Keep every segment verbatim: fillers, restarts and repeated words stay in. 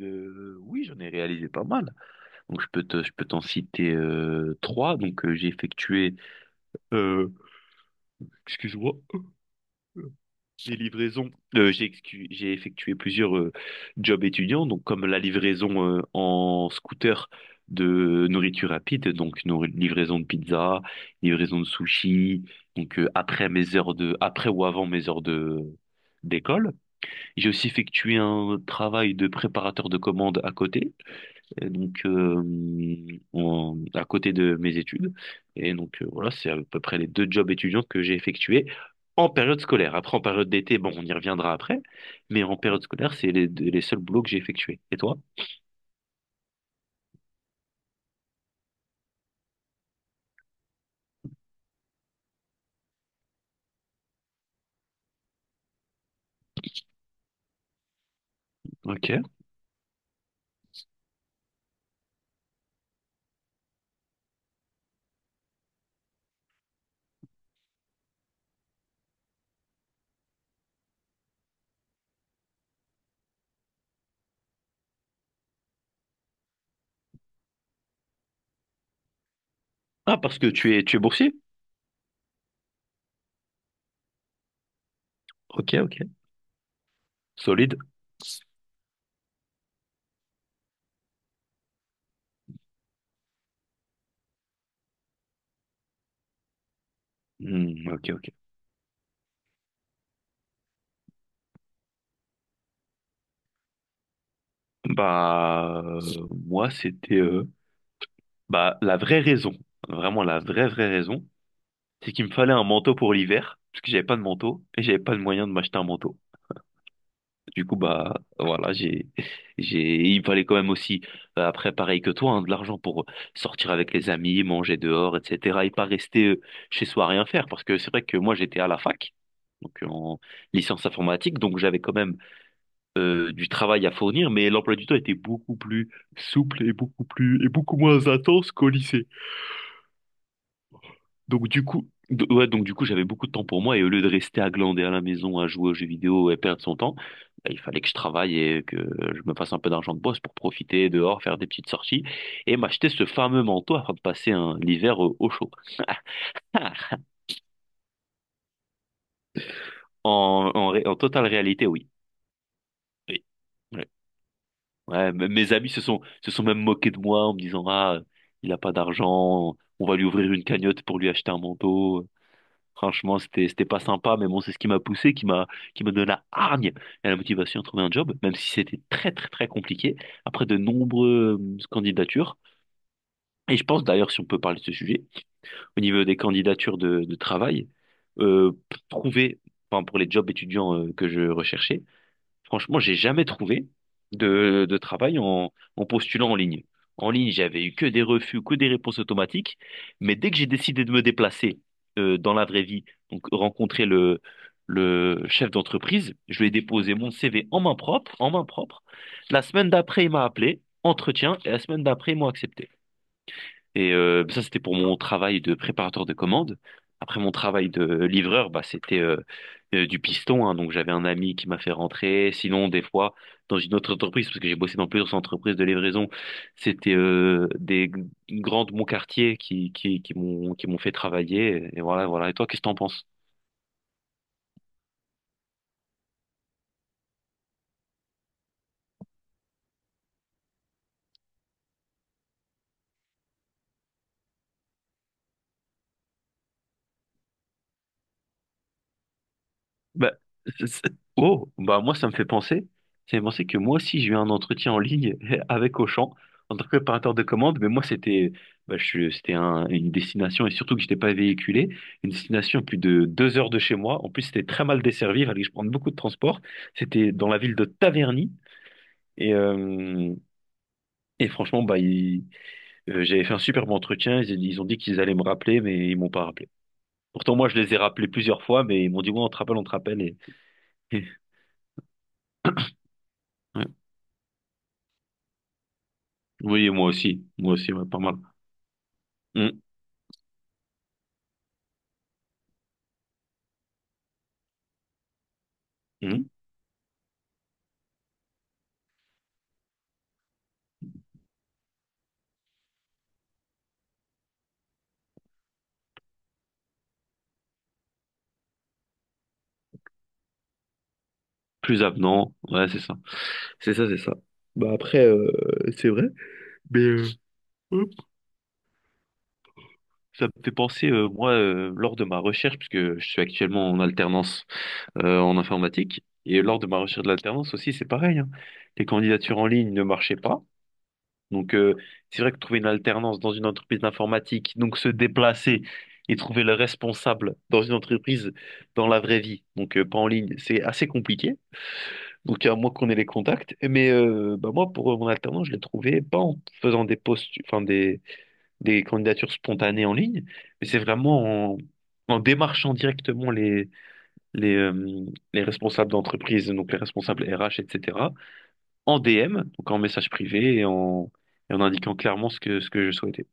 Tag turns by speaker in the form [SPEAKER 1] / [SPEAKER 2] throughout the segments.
[SPEAKER 1] Euh, oui, j'en ai réalisé pas mal. Donc je peux te, je peux t'en citer euh, trois. Donc euh, j'ai effectué, euh, excuse-moi, euh, les livraisons. Euh, j'ai excu- j'ai effectué plusieurs euh, jobs étudiants. Donc comme la livraison euh, en scooter de nourriture rapide, donc nourri- livraison de pizza, livraison de sushi. Donc euh, après mes heures de, après ou avant mes heures de d'école. J'ai aussi effectué un travail de préparateur de commandes à côté. Et donc, euh, en- à côté de mes études. Et donc, euh, voilà, c'est à peu près les deux jobs étudiants que j'ai effectués en période scolaire. Après, en période d'été, bon, on y reviendra après. Mais en période scolaire, c'est les, les seuls boulots que j'ai effectués. Et toi? Ok. Ah, parce que tu es, tu es boursier? Ok, ok. Solide. Hmm, ok, ok. Bah, euh, moi, c'était euh, bah, la vraie raison, vraiment la vraie, vraie raison, c'est qu'il me fallait un manteau pour l'hiver, parce que j'avais pas de manteau et j'avais pas de moyen de m'acheter un manteau. Du coup, bah voilà, j'ai, j'ai, il me fallait quand même aussi, euh, après, pareil que toi, hein, de l'argent pour sortir avec les amis, manger dehors, et cetera. Et pas rester euh, chez soi à rien faire. Parce que c'est vrai que moi, j'étais à la fac, donc en licence informatique, donc j'avais quand même euh, du travail à fournir, mais l'emploi du temps était beaucoup plus souple et beaucoup plus et beaucoup moins intense qu'au lycée. Donc du coup, d- ouais, donc du coup, j'avais beaucoup de temps pour moi et au lieu de rester à glander à la maison, à jouer aux jeux vidéo et perdre son temps, bah, il fallait que je travaille et que je me fasse un peu d'argent de boss pour profiter dehors, faire des petites sorties et m'acheter ce fameux manteau afin de passer un l'hiver au, au chaud. Ah En, en, ré- en totale réalité, oui. Oui. Ouais. Ouais, m- mes amis se sont, se sont même moqués de moi en me disant, ah, il a pas d'argent, on va lui ouvrir une cagnotte pour lui acheter un manteau. Franchement, c'était, c'était pas sympa, mais bon, c'est ce qui m'a poussé, qui m'a, qui m'a donné la hargne et la motivation à trouver un job, même si c'était très, très, très compliqué, après de nombreuses candidatures. Et je pense d'ailleurs, si on peut parler de ce sujet, au niveau des candidatures de, de travail, euh, pour trouver, enfin, pour les jobs étudiants euh, que je recherchais, franchement, j'ai jamais trouvé de, de travail en, en postulant en ligne. En ligne, j'avais eu que des refus, que des réponses automatiques. Mais dès que j'ai décidé de me déplacer euh, dans la vraie vie, donc rencontrer le, le chef d'entreprise, je lui ai déposé mon C V en main propre, en main propre. La semaine d'après, il m'a appelé, entretien, et la semaine d'après, ils m'ont accepté. Et euh, ça, c'était pour mon travail de préparateur de commandes. Après mon travail de livreur, bah, c'était euh, euh, du piston, hein. Donc j'avais un ami qui m'a fait rentrer. Sinon, des fois, dans une autre entreprise, parce que j'ai bossé dans plusieurs entreprises de livraison, c'était euh, des g- grandes de mon quartier qui, qui, qui m'ont qui m'ont fait travailler. Et voilà, voilà. Et toi, qu'est-ce que t'en penses? Bah, c'est- c'est- oh, bah moi ça me fait penser, ça me fait penser que moi aussi j'ai eu un entretien en ligne avec Auchan en tant que préparateur de commande, mais moi c'était, bah, je suis- c'était un- une destination et surtout que j'étais pas véhiculé, une destination à plus de deux heures de chez moi. En plus c'était très mal desservi, il fallait que je prenne beaucoup de transport. C'était dans la ville de Taverny et euh, et franchement bah ils- euh, j'avais fait un superbe entretien, ils, ils ont dit qu'ils allaient me rappeler, mais ils m'ont pas rappelé. Pourtant moi je les ai rappelés plusieurs fois, mais ils m'ont dit ouais on te rappelle, on te rappelle et Oui, moi aussi. Moi aussi, ouais, pas mal. Mm, mm. Plus avenant. Ouais, c'est ça. C'est ça, c'est ça. Bah après, euh, c'est vrai. Mais euh, hop, ça me fait penser, euh, moi, euh, lors de ma recherche, puisque je suis actuellement en alternance euh, en informatique, et lors de ma recherche de l'alternance aussi, c'est pareil, hein. Les candidatures en ligne ne marchaient pas. Donc, euh, c'est vrai que trouver une alternance dans une entreprise d'informatique, donc se déplacer et trouver le responsable dans une entreprise dans la vraie vie, donc euh, pas en ligne, c'est assez compliqué. Donc, à moins qu'on ait les contacts. Mais euh, bah moi, pour euh, mon alternance, je l'ai trouvé pas en faisant des posts, enfin des, des candidatures spontanées en ligne, mais c'est vraiment en, en démarchant directement les, les, euh, les responsables d'entreprise, donc les responsables R H, et cetera, en D M, donc en message privé et en, et en indiquant clairement ce que, ce que je souhaitais.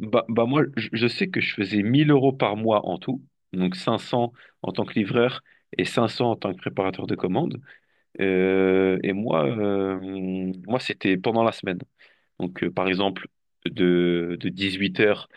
[SPEAKER 1] Bah, bah moi, je, je sais que je faisais mille euros par mois en tout, donc cinq cents en tant que livreur et cinq cents en tant que préparateur de commandes. Euh, et moi, euh, Moi c'était pendant la semaine. Donc, euh, par exemple, de, de dix-huit heures.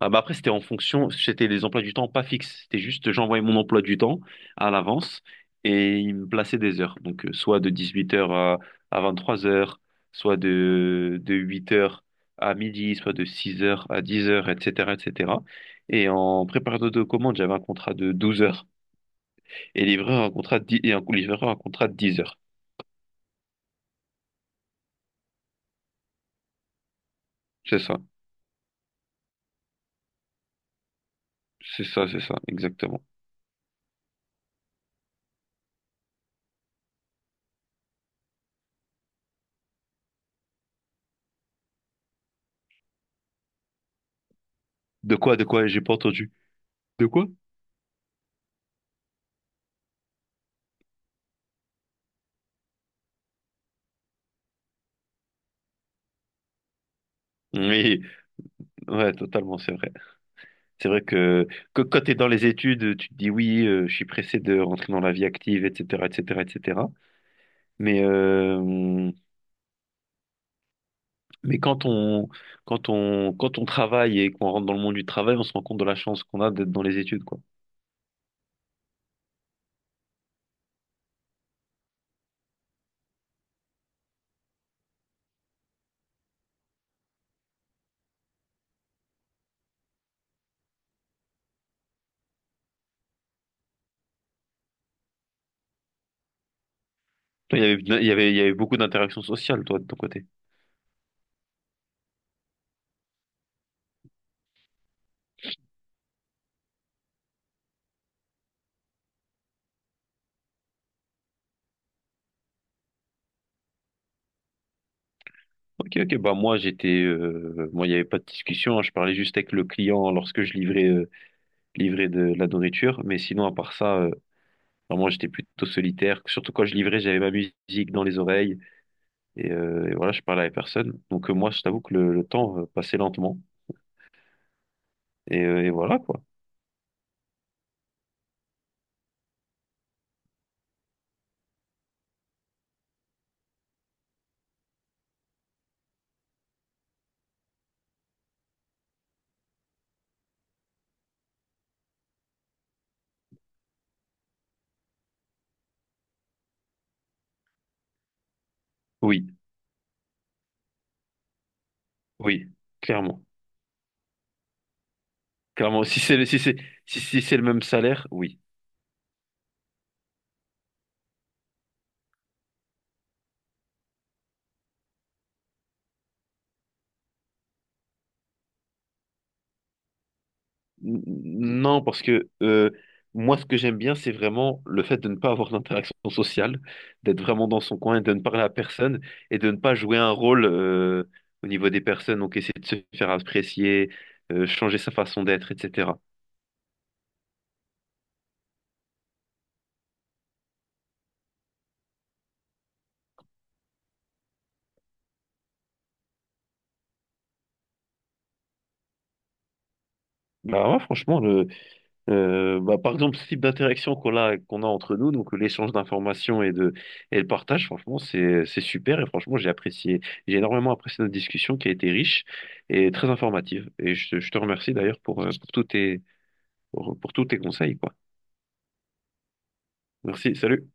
[SPEAKER 1] Ah, bah après, c'était en fonction, c'était les emplois du temps pas fixes. C'était juste, j'envoyais mon emploi du temps à l'avance et il me plaçait des heures. Donc, euh, soit de dix-huit heures à, à vingt-trois heures, soit de, de huit heures à midi, soit de six heures à dix heures, et cetera, et cetera. Et cetera. Et en préparateur de commande, j'avais un contrat de douze heures et livreur un contrat de dix, et un livreur un contrat de dix heures. C'est ça. C'est ça, c'est ça, exactement. De quoi, de quoi, j'ai pas entendu. De quoi? Oui, ouais, totalement, c'est vrai. C'est vrai que, que quand tu es dans les études, tu te dis oui, euh, je suis pressé de rentrer dans la vie active, et cetera, et cetera, et cetera. Mais, euh, mais quand on, quand on, quand on travaille et qu'on rentre dans le monde du travail, on se rend compte de la chance qu'on a d'être dans les études, quoi. Toi, il y avait, il y avait, il y avait beaucoup d'interactions sociales, toi, de ton côté. Ok, ok, bah moi, j'étais, euh, moi, il n'y avait pas de discussion, hein, je parlais juste avec le client lorsque je livrais. Euh, livrer de, de la nourriture. Mais sinon, à part ça, euh, vraiment, j'étais plutôt solitaire. Surtout quand je livrais, j'avais ma musique dans les oreilles. Et, euh, et voilà, je parlais à personne. Donc, euh, moi, je t'avoue que le, le temps euh, passait lentement. Et, euh, et voilà, quoi. Oui, oui, clairement. Clairement, si c'est le, si c'est, si, si c'est le même salaire, oui. N- Non, parce que euh, moi, ce que j'aime bien, c'est vraiment le fait de ne pas avoir d'interaction sociale, d'être vraiment dans son coin, et de ne parler à personne et de ne pas jouer un rôle euh, au niveau des personnes, donc essayer de se faire apprécier, euh, changer sa façon d'être, et cetera. Bah ouais, franchement, le- Euh, bah, par exemple, ce type d'interaction qu'on a, qu'on a entre nous, donc l'échange d'informations et de, et le partage, franchement, c'est, c'est super. Et franchement, j'ai apprécié, j'ai énormément apprécié notre discussion qui a été riche et très informative. Et je, te- je te remercie d'ailleurs pour, euh, pour tous tes, pour, pour tous tes conseils, quoi. Merci, salut.